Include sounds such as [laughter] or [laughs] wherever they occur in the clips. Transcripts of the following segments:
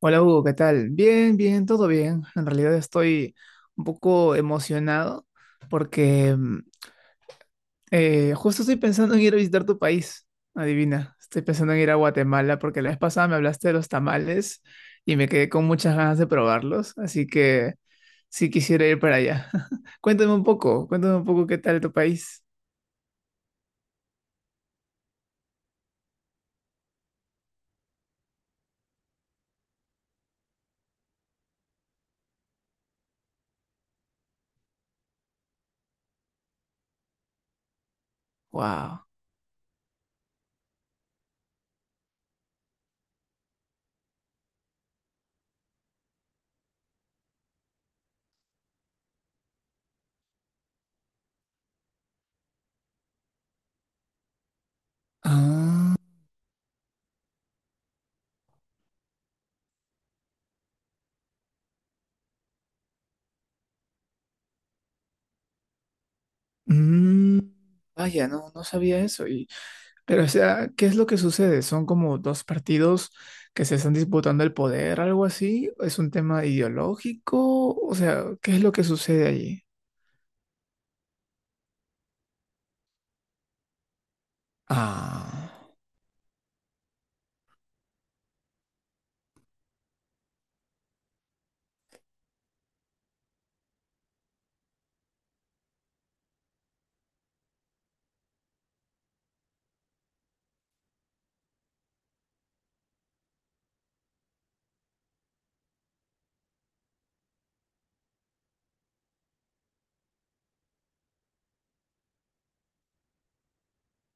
Hola Hugo, ¿qué tal? Bien, bien, todo bien. En realidad estoy un poco emocionado porque justo estoy pensando en ir a visitar tu país. Adivina, estoy pensando en ir a Guatemala porque la vez pasada me hablaste de los tamales y me quedé con muchas ganas de probarlos, así que sí quisiera ir para allá. [laughs] Cuéntame un poco qué tal tu país. Wow. Ah, mm, vaya, no, no sabía eso. Pero, o sea, ¿qué es lo que sucede? ¿Son como dos partidos que se están disputando el poder, algo así? ¿Es un tema ideológico? O sea, ¿qué es lo que sucede allí? Ah,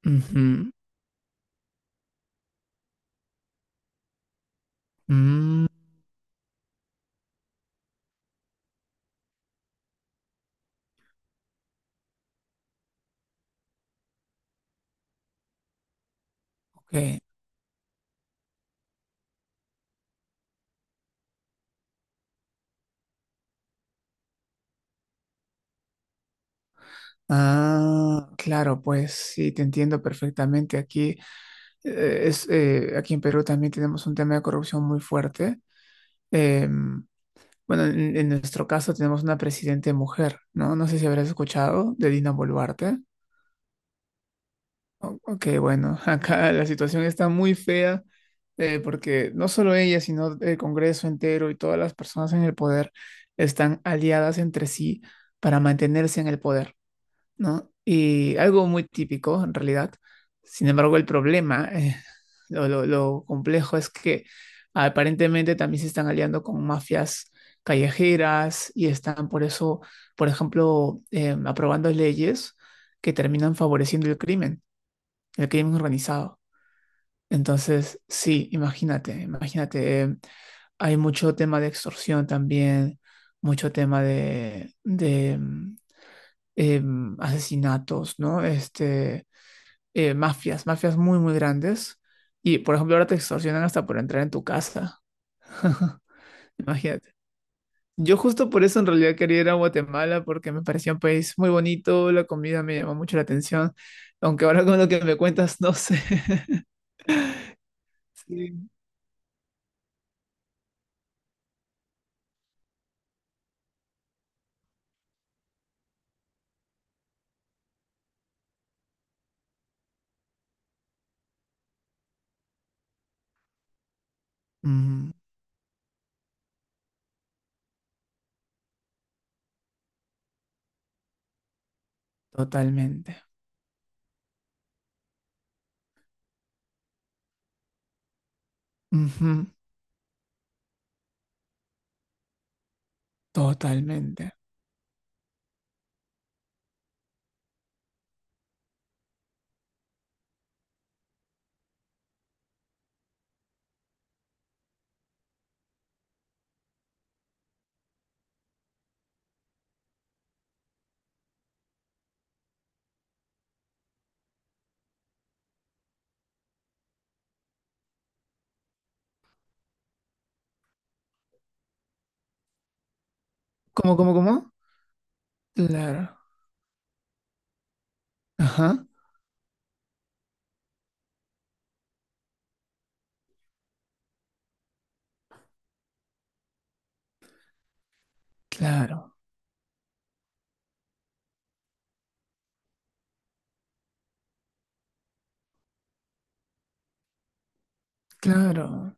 ujú, mm, ok. Ah, claro, pues sí, te entiendo perfectamente. Aquí, aquí en Perú también tenemos un tema de corrupción muy fuerte. Em, bueno, en nuestro caso tenemos una presidente mujer, ¿no? No sé si habrás escuchado de Dina Boluarte. Ok, bueno, [laughs] acá la situación está muy fea, porque no solo ella, sino el Congreso entero y todas las personas en el poder están aliadas entre sí para mantenerse en el poder, ¿no? Y algo muy típico en realidad. Sin embargo, el problema, [laughs] lo complejo es que aparentemente también se están aliando con mafias callejeras y están por eso, por ejemplo, aprobando leyes que terminan favoreciendo el crimen, el crimen organizado. Entonces, sí, imagínate, hay mucho tema de extorsión también, mucho tema de asesinatos, ¿no? Este, mafias, mafias muy, muy grandes. Y, por ejemplo, ahora te extorsionan hasta por entrar en tu casa. [laughs] Imagínate. Yo justo por eso en realidad quería ir a Guatemala porque me parecía un país muy bonito, la comida me llamó mucho la atención, aunque ahora con lo que me cuentas no sé. [laughs] Sí. Ujú. Totalmente. Ujú, totalmente. ¿Cómo, cómo, cómo? Claro. Ajá. Claro. Claro.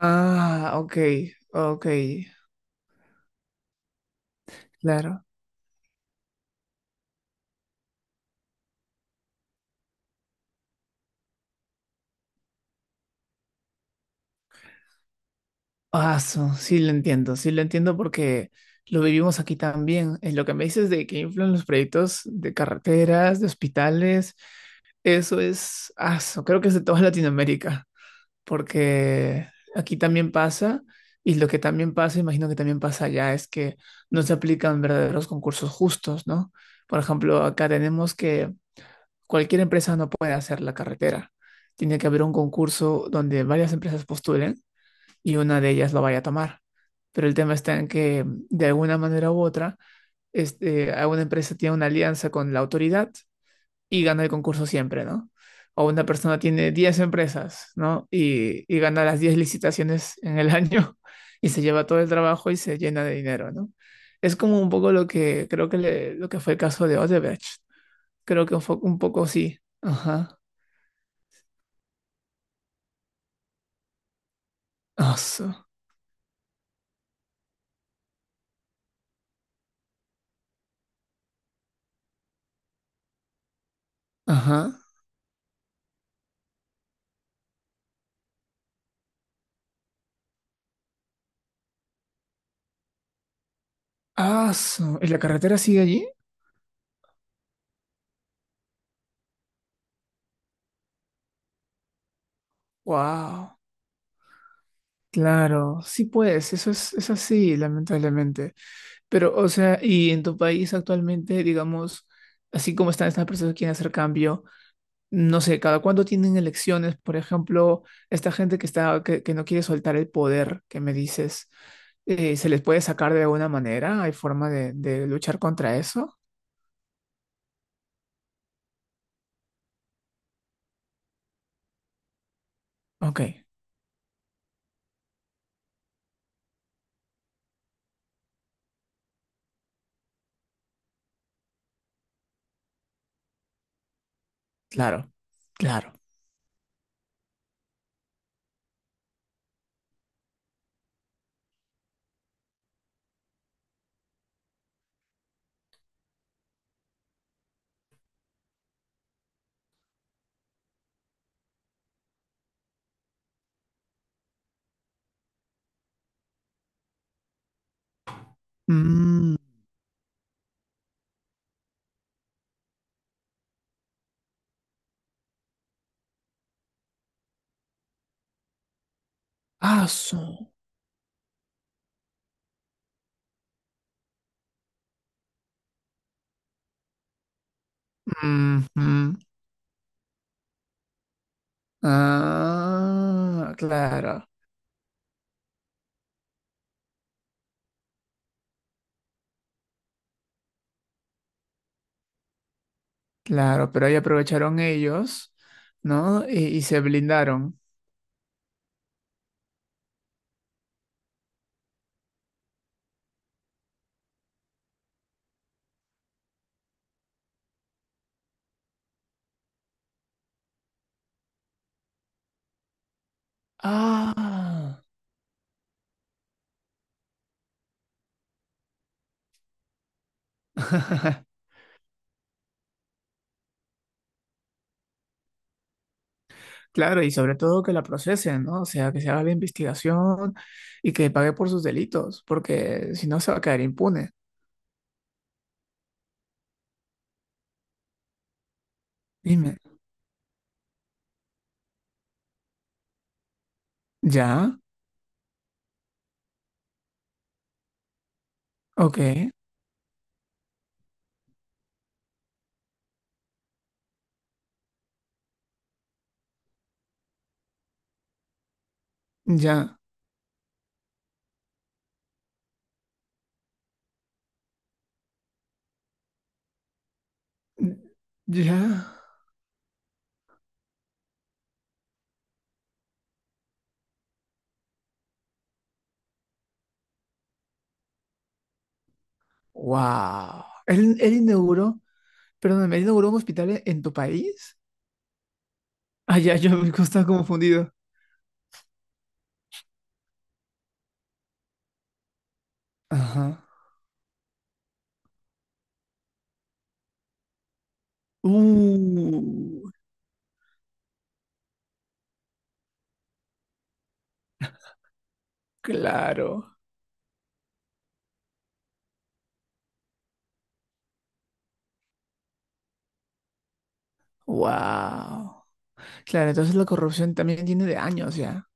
Ah, ok. Ok. Claro. Ah, sí lo entiendo. Sí lo entiendo porque lo vivimos aquí también. En lo que me dices de que influyen los proyectos de carreteras, de hospitales, eso es, ah, creo que es de toda Latinoamérica. Porque aquí también pasa, y lo que también pasa, imagino que también pasa allá, es que no se aplican verdaderos concursos justos, ¿no? Por ejemplo, acá tenemos que cualquier empresa no puede hacer la carretera. Tiene que haber un concurso donde varias empresas postulen y una de ellas lo vaya a tomar. Pero el tema está en que, de alguna manera u otra, este, alguna empresa tiene una alianza con la autoridad y gana el concurso siempre, ¿no? O una persona tiene 10 empresas, ¿no? Y gana las 10 licitaciones en el año [laughs] y se lleva todo el trabajo y se llena de dinero, ¿no? Es como un poco lo que creo que, lo que fue el caso de Odebrecht. Creo que fue un poco sí. Ajá. Aso. Ajá. Aso. ¿Y la carretera sigue allí? Wow. Claro. Sí, pues. Eso es así, lamentablemente. Pero, o sea, y en tu país actualmente, digamos, así como están estas personas que quieren hacer cambio, no sé, cada cuándo tienen elecciones, por ejemplo, esta gente que está, que no quiere soltar el poder, que me dices, ¿se les puede sacar de alguna manera? ¿Hay forma de luchar contra eso? Ok, claro, claro. Mm, ah, ujú. Ah, claro, claro, pero ahí aprovecharon ellos, ¿no? y se blindaron. Ah, [laughs] claro, y sobre todo que la procesen, ¿no? O sea, que se haga la investigación y que pague por sus delitos, porque si no se va a quedar impune. Dime, ¿ya? Ok, ya, ya. Wow. ¿Él inauguró, perdóname, él inauguró un hospital en tu país? Ah, ya, yo me estaba confundido. Ajá. Uh, claro. Wow. Claro, entonces la corrupción también tiene de años ya.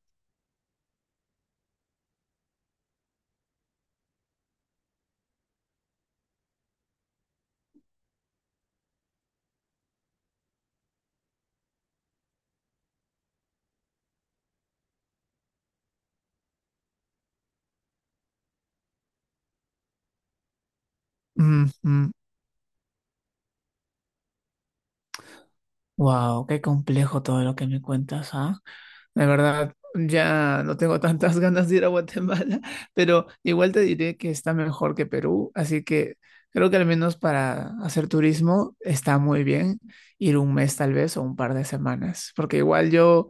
Ujú. Wow, qué complejo todo lo que me cuentas, ¿ah? La verdad, ya no tengo tantas [laughs] ganas de ir a Guatemala, [laughs] pero igual te diré que está mejor que Perú, así que creo que al menos para hacer turismo está muy bien ir un mes tal vez o un par de semanas, porque igual yo,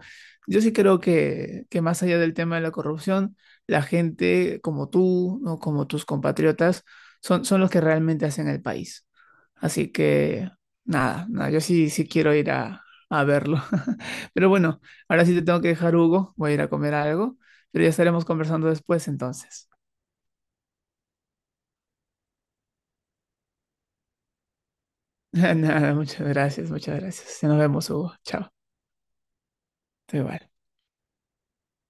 yo sí creo que, más allá del tema de la corrupción, la gente como tú, ¿no? Como tus compatriotas, son los que realmente hacen el país. Así que nada, nada, yo sí, sí quiero ir a verlo. [laughs] Pero bueno. Ahora sí te tengo que dejar, Hugo. Voy a ir a comer algo, pero ya estaremos conversando después entonces. [laughs] Nada, muchas gracias, muchas gracias. Ya nos vemos, Hugo. Chao. Te vale.